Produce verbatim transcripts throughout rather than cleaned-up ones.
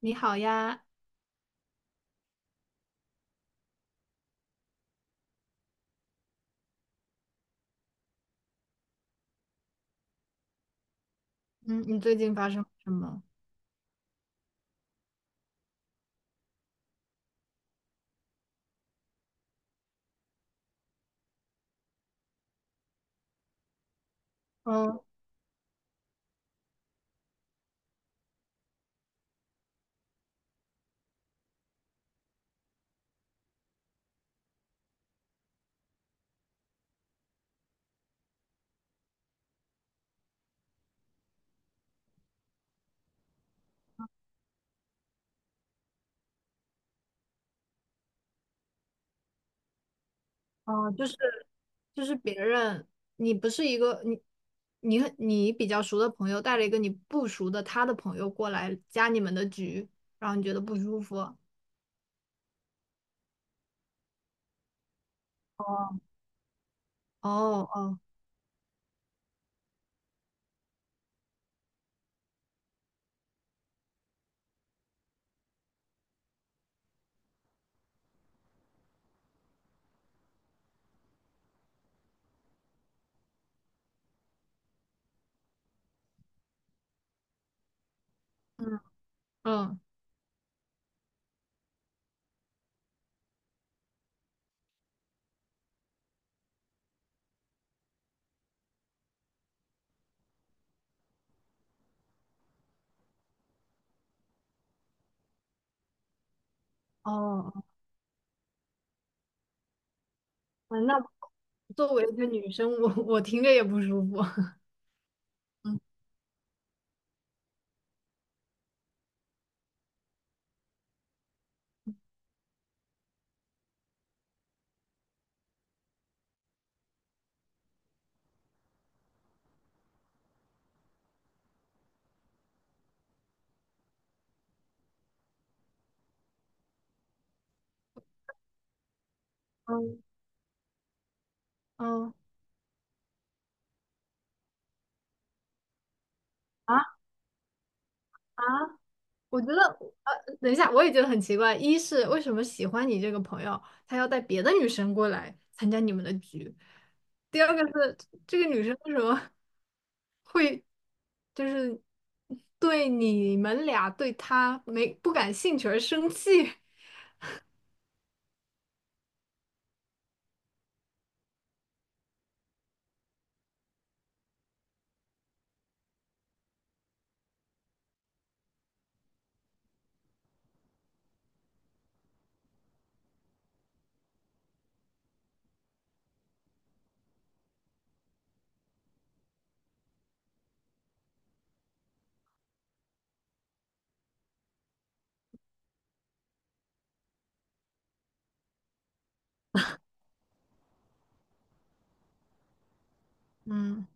你好呀。嗯，你最近发生什么？嗯，哦，就是就是别人，你不是一个你你你比较熟的朋友带了一个你不熟的他的朋友过来加你们的局，然后你觉得不舒服。哦哦。哦嗯嗯哦哦。嗯那作为一个女生，我我听着也不舒服。嗯嗯嗯。啊！啊！我觉得，呃，等一下，我也觉得很奇怪。一是为什么喜欢你这个朋友，他要带别的女生过来参加你们的局？第二个是这个女生为什么 会就是对你们俩对她没不感兴趣而生气？嗯，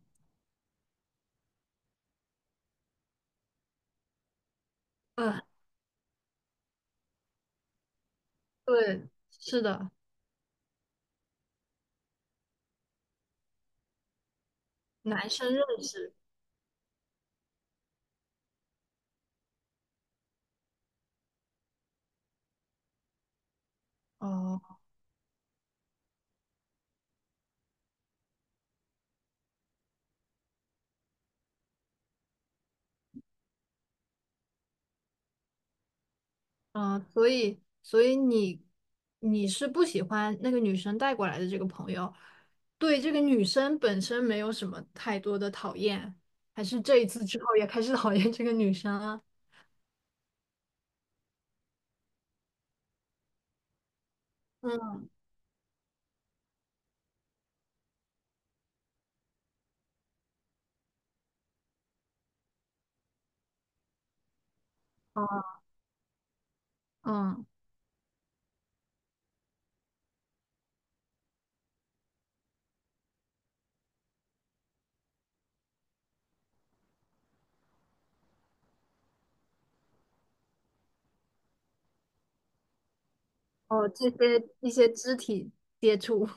嗯，呃对，是的。男生认识。哦。嗯，所以所以你你是不喜欢那个女生带过来的这个朋友，对这个女生本身没有什么太多的讨厌，还是这一次之后也开始讨厌这个女生了？嗯。嗯，哦，这些一些肢体接触。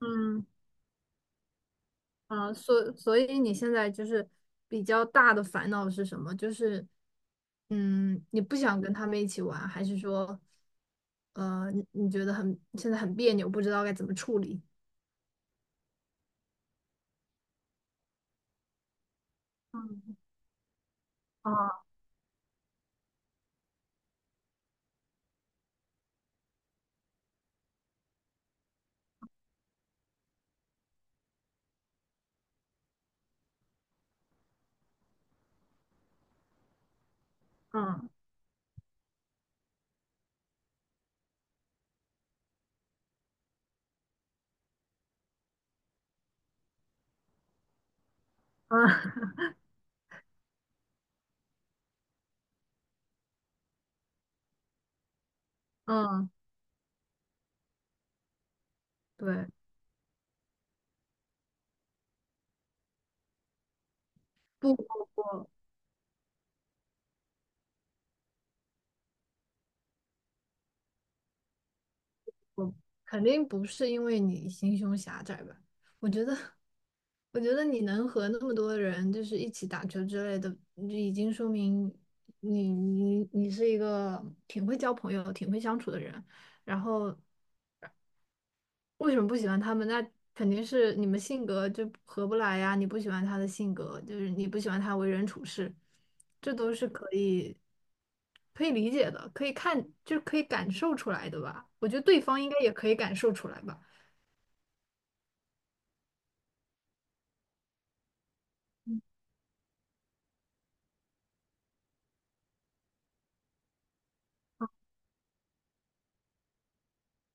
嗯。啊，所所以你现在就是比较大的烦恼是什么？就是，嗯，你不想跟他们一起玩，还是说，呃，你你觉得很现在很别扭，不知道该怎么处理？嗯嗯嗯嗯。嗯，对。不不不。我肯定不是因为你心胸狭窄吧？我觉得，我觉得你能和那么多人就是一起打球之类的，就已经说明你你你是一个挺会交朋友、挺会相处的人。然后为什么不喜欢他们？那肯定是你们性格就合不来呀。你不喜欢他的性格，就是你不喜欢他为人处事，这都是可以可以理解的，可以看，就是可以感受出来的吧？我觉得对方应该也可以感受出来吧。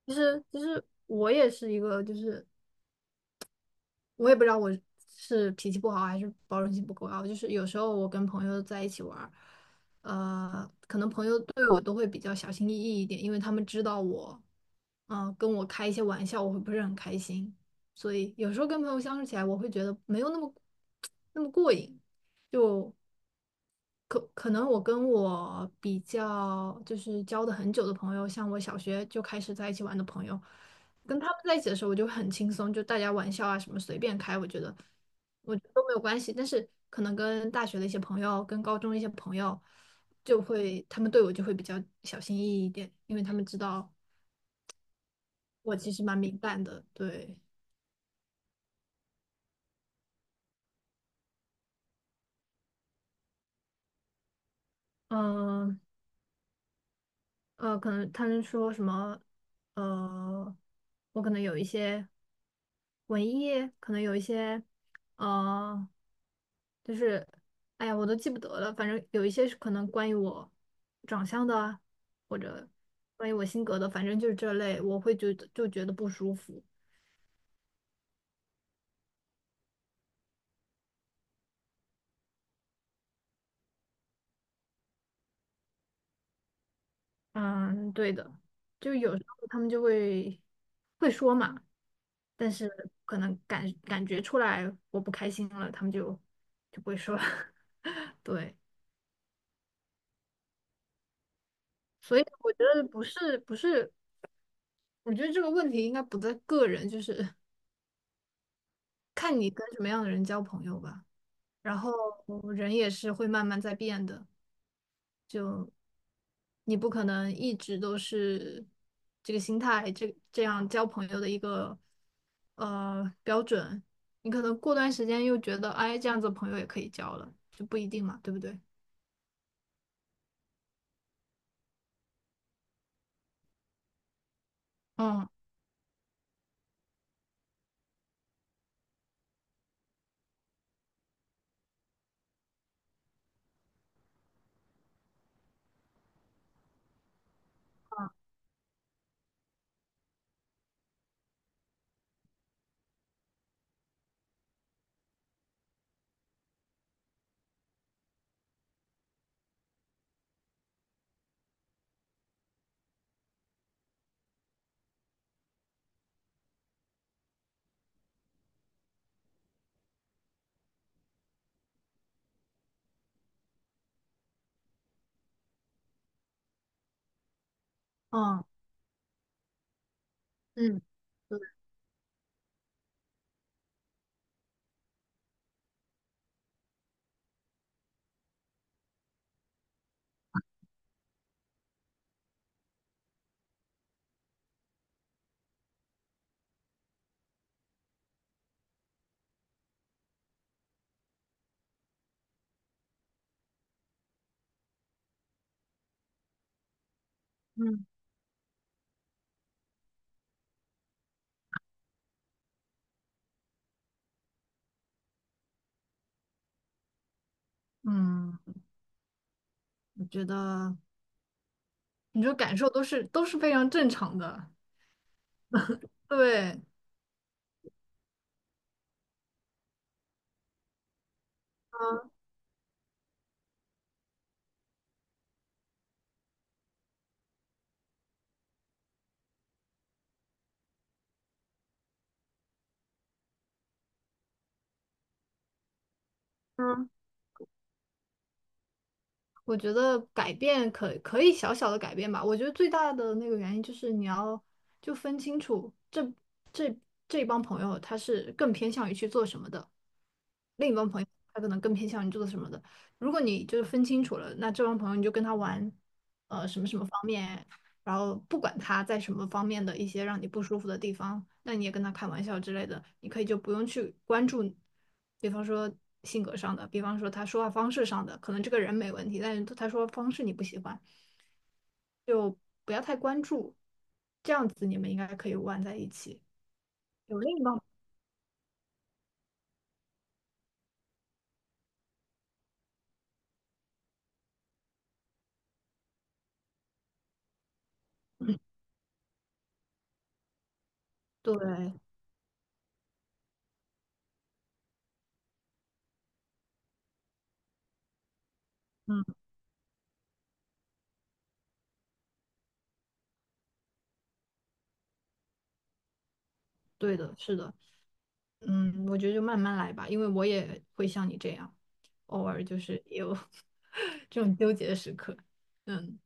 其实其实我也是一个，就是我也不知道我是脾气不好还是包容性不够高，就是有时候我跟朋友在一起玩儿，呃，可能朋友对我都会比较小心翼翼一点，因为他们知道我，嗯、跟我开一些玩笑，我会不是很开心，所以有时候跟朋友相处起来，我会觉得没有那么 那么过瘾，就可可能我跟我比较就是交的很久的朋友，像我小学就开始在一起玩的朋友，跟他们在一起的时候，我就很轻松，就大家玩笑啊什么随便开，我觉得我觉得都没有关系。但是可能跟大学的一些朋友，跟高中的一些朋友，就会他们对我就会比较小心翼翼一点，因为他们知道我其实蛮敏感的。对。嗯，呃，可能他们说什么，呃，我可能有一些文艺，可能有一些，呃，就是，哎呀，我都记不得了，反正有一些是可能关于我长相的啊或者关于我性格的，反正就是这类，我会觉得就觉得不舒服。嗯，对的，就有时候他们就会会说嘛，但是可能感感觉出来我不开心了，他们就就不会说了。对。所以我觉得不是不是，我觉得这个问题应该不在个人，就是 看你跟什么样的人交朋友吧。然后人也是会慢慢在变的。你不可能一直都是这个心态，这这样交朋友的一个呃标准。你可能过段时间又觉得，哎，这样子朋友也可以交了，就不一定嘛，对不对？嗯，嗯嗯，对。嗯嗯，我觉得你这感受都是都是非常正常的，对。嗯嗯。我觉得改变可可以小小的改变吧。我觉得最大的那个原因就是你要就分清楚这这这帮朋友他是更偏向于去做什么的，另一帮朋友他可能更偏向于做什么的。如果你就是分清楚了，那这帮朋友你就跟他玩，呃，什么什么方面，然后不管他在什么方面的一些让你不舒服的地方，那你也跟他开玩笑之类的，你可以就不用去关注，比方说性格上的，比方说他说话方式上的，可能这个人没问题，但是他说话方式你不喜欢，就不要太关注，这样子你们应该可以玩在一起。有另一帮，对。嗯，对的，是的。嗯，我觉得就慢慢来吧，因为我也会像你这样，偶尔就是也有 这种纠结的时刻。嗯，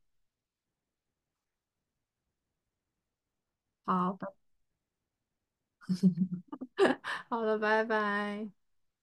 好，好了，拜拜。